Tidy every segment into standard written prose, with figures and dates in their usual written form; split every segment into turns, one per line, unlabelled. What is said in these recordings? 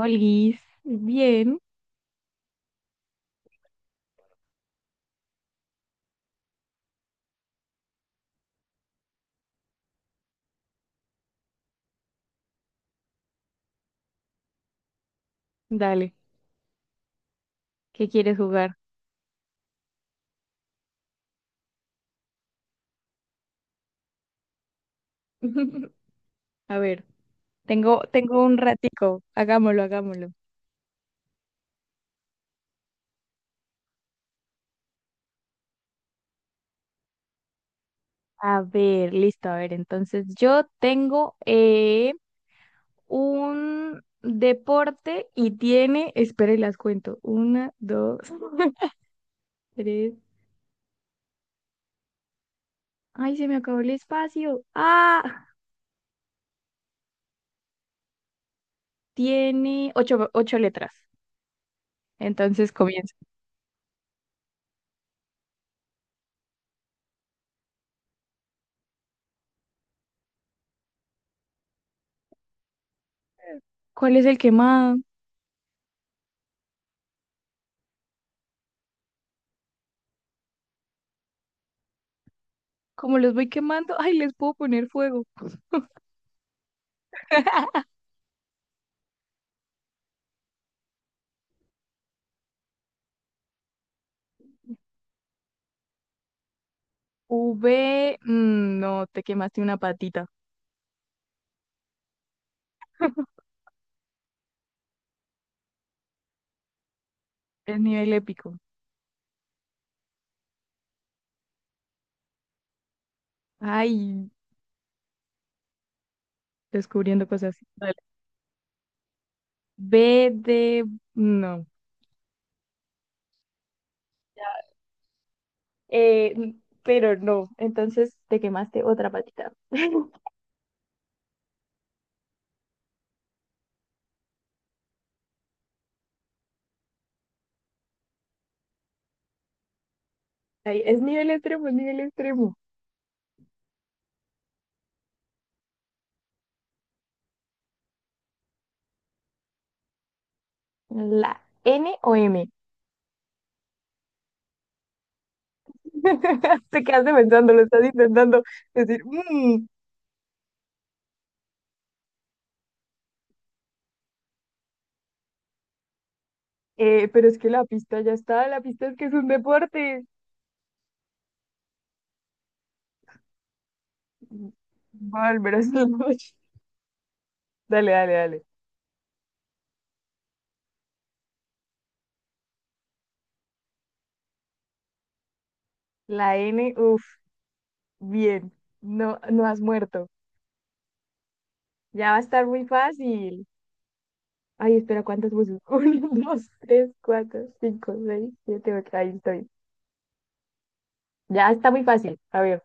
Olis, bien, dale, ¿qué quieres jugar? A ver, Tengo un ratico. Hagámoslo, hagámoslo. A ver, listo, a ver, entonces yo tengo un deporte y tiene, espera y las cuento, una, dos, tres, ay, se me acabó el espacio, ah, tiene ocho, ocho letras, entonces comienza. ¿Cuál es el quemado? Como los voy quemando, ay, les puedo poner fuego. V, mm, no, te quemaste una patita. Es nivel épico. Ay, descubriendo cosas. Vale. B de, no. Pero no, entonces te quemaste otra patita. Ay, es nivel extremo, es nivel extremo. La N o M. Te quedaste pensando, lo estás intentando decir. "Mm, pero es que la pista ya está, la pista es que es un deporte. Va a volver a hacer la noche. Dale, dale, dale. La N, uff. Bien, no, no has muerto. Ya va a estar muy fácil. Ay, espera, ¿cuántas puse? Uno, dos, tres, cuatro, cinco, seis, siete, ocho. Ahí estoy. Ya está muy fácil. A ver,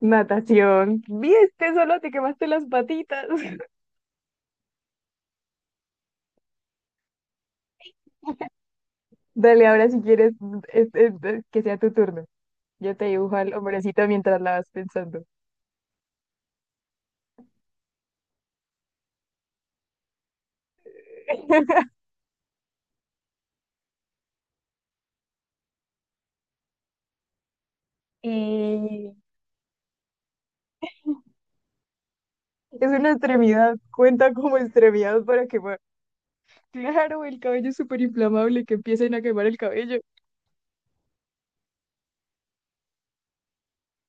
natación. Viste, solo te quemaste las patitas. Dale, ahora si quieres, es que sea tu turno. Yo te dibujo al hombrecito mientras la vas pensando. Eh, Es una extremidad, cuenta como extremidad para quemar. Claro, el cabello es súper inflamable, que empiecen a quemar el cabello.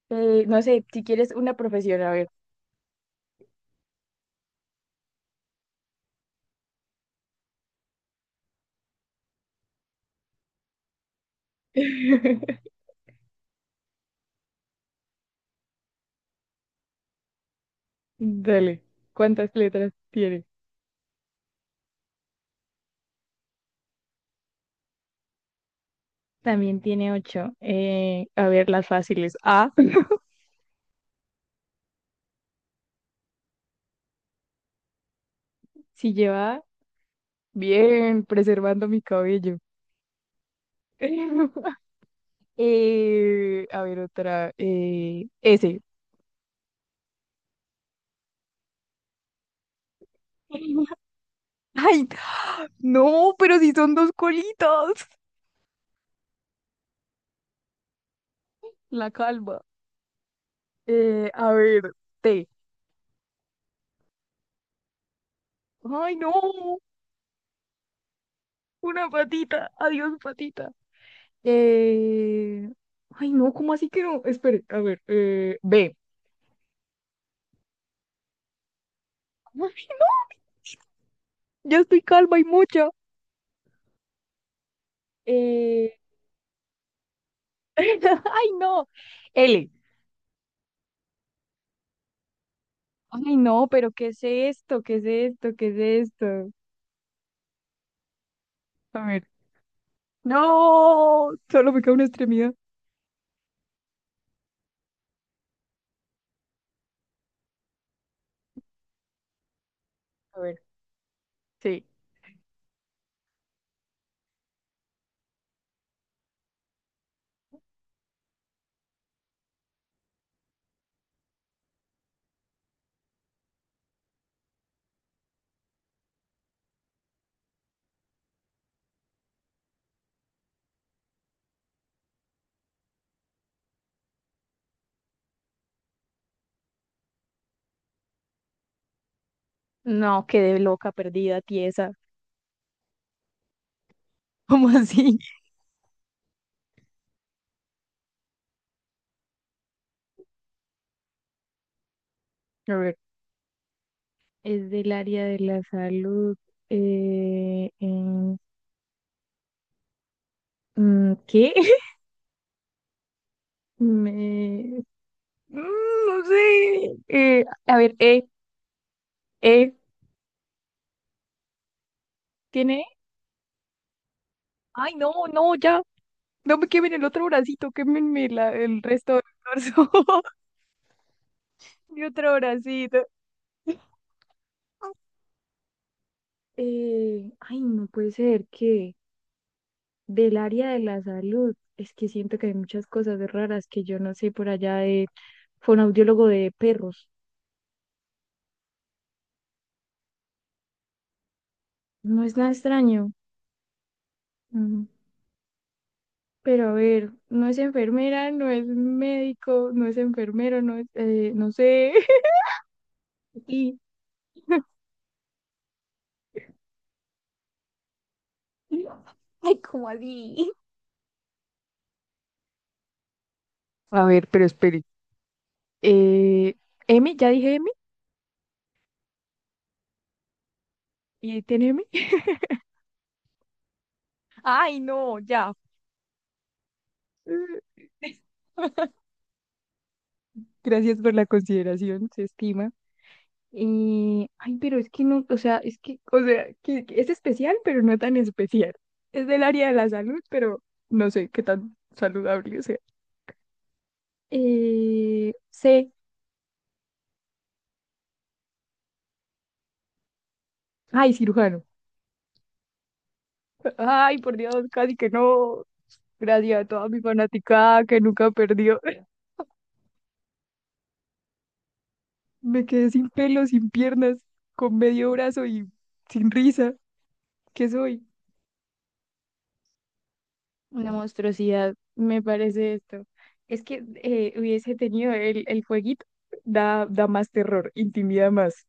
No sé, si quieres una profesión, a ver. Dale, ¿cuántas letras tiene? También tiene ocho. A ver, las fáciles. A, si lleva. Bien, preservando mi cabello. A ver, otra. S. Ay, no, pero si son dos colitas. La calma. A ver, T. Ay, no, una patita. Adiós, patita. Eh, Ay, no, ¿cómo así que no? Espere, a ver, B. Ay, no, ya estoy calma y mucha. Eh, Ay, no. L. Ay, no, pero ¿qué es esto? ¿Qué es esto? ¿Qué es esto? A ver. No, solo me queda una extremidad. A ver, sí. No, quedé loca, perdida, tiesa. ¿Cómo así? A ver. Es del área de la salud. Eh, en ¿Qué? Me... Mm, no sé. A ver, eh, ¿tiene E? Ay, no, no, ya. No me quemen el otro bracito, quémenme la- el resto del torso. Mi otro bracito. Ay, no puede ser que del área de la salud, es que siento que hay muchas cosas raras que yo no sé por allá de fonoaudiólogo de perros. No es nada extraño. Mm, pero a ver, no es enfermera, no es médico, no es enfermero, no es, no sé. Sí. Ay, ¿cómo así? A ver, pero espere. Eh, M, ya dije M. ¿Y ahí tiene M? Ay, no, ya. Gracias por la consideración, se estima. Y, ay, pero es que no, o sea, es que, o sea, que es especial, pero no tan especial. Es del área de la salud, pero no sé qué tan saludable sea. C, ay, cirujano. Ay, por Dios, casi que no. Gracias a toda mi fanaticada que nunca perdió. Me quedé sin pelo, sin piernas, con medio brazo y sin risa. ¿Qué soy? Una monstruosidad, me parece esto. Es que hubiese tenido el fueguito, da, da más terror, intimida más.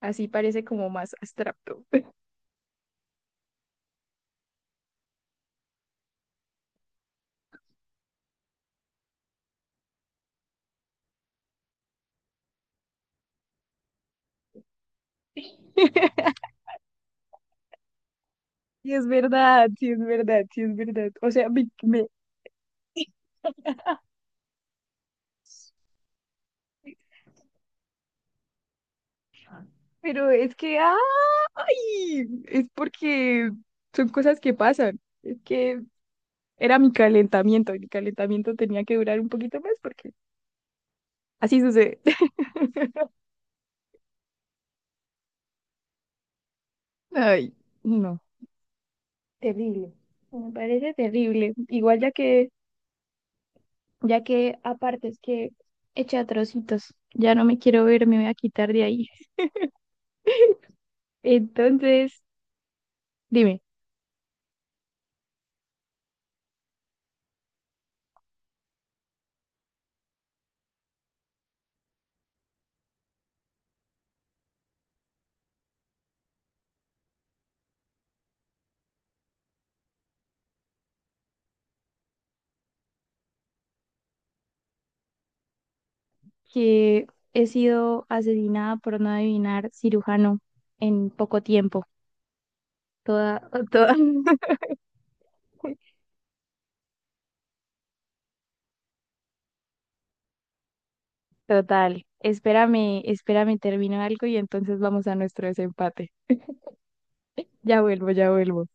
Así parece como más abstracto. Sí, es verdad, sí, es verdad, sí, es verdad. O sea, me... pero es que, ¡ah! ¡Ay! Es porque son cosas que pasan. Es que era mi calentamiento y mi calentamiento tenía que durar un poquito más porque así sucede. Ay, no. Terrible. Me parece terrible. Igual ya que aparte es que eché a trocitos, ya no me quiero ver, me voy a quitar de ahí. Entonces, dime, que he sido asesinada por no adivinar cirujano en poco tiempo. Toda, toda. Total. Espérame, espérame, termino algo y entonces vamos a nuestro desempate. Ya vuelvo, ya vuelvo.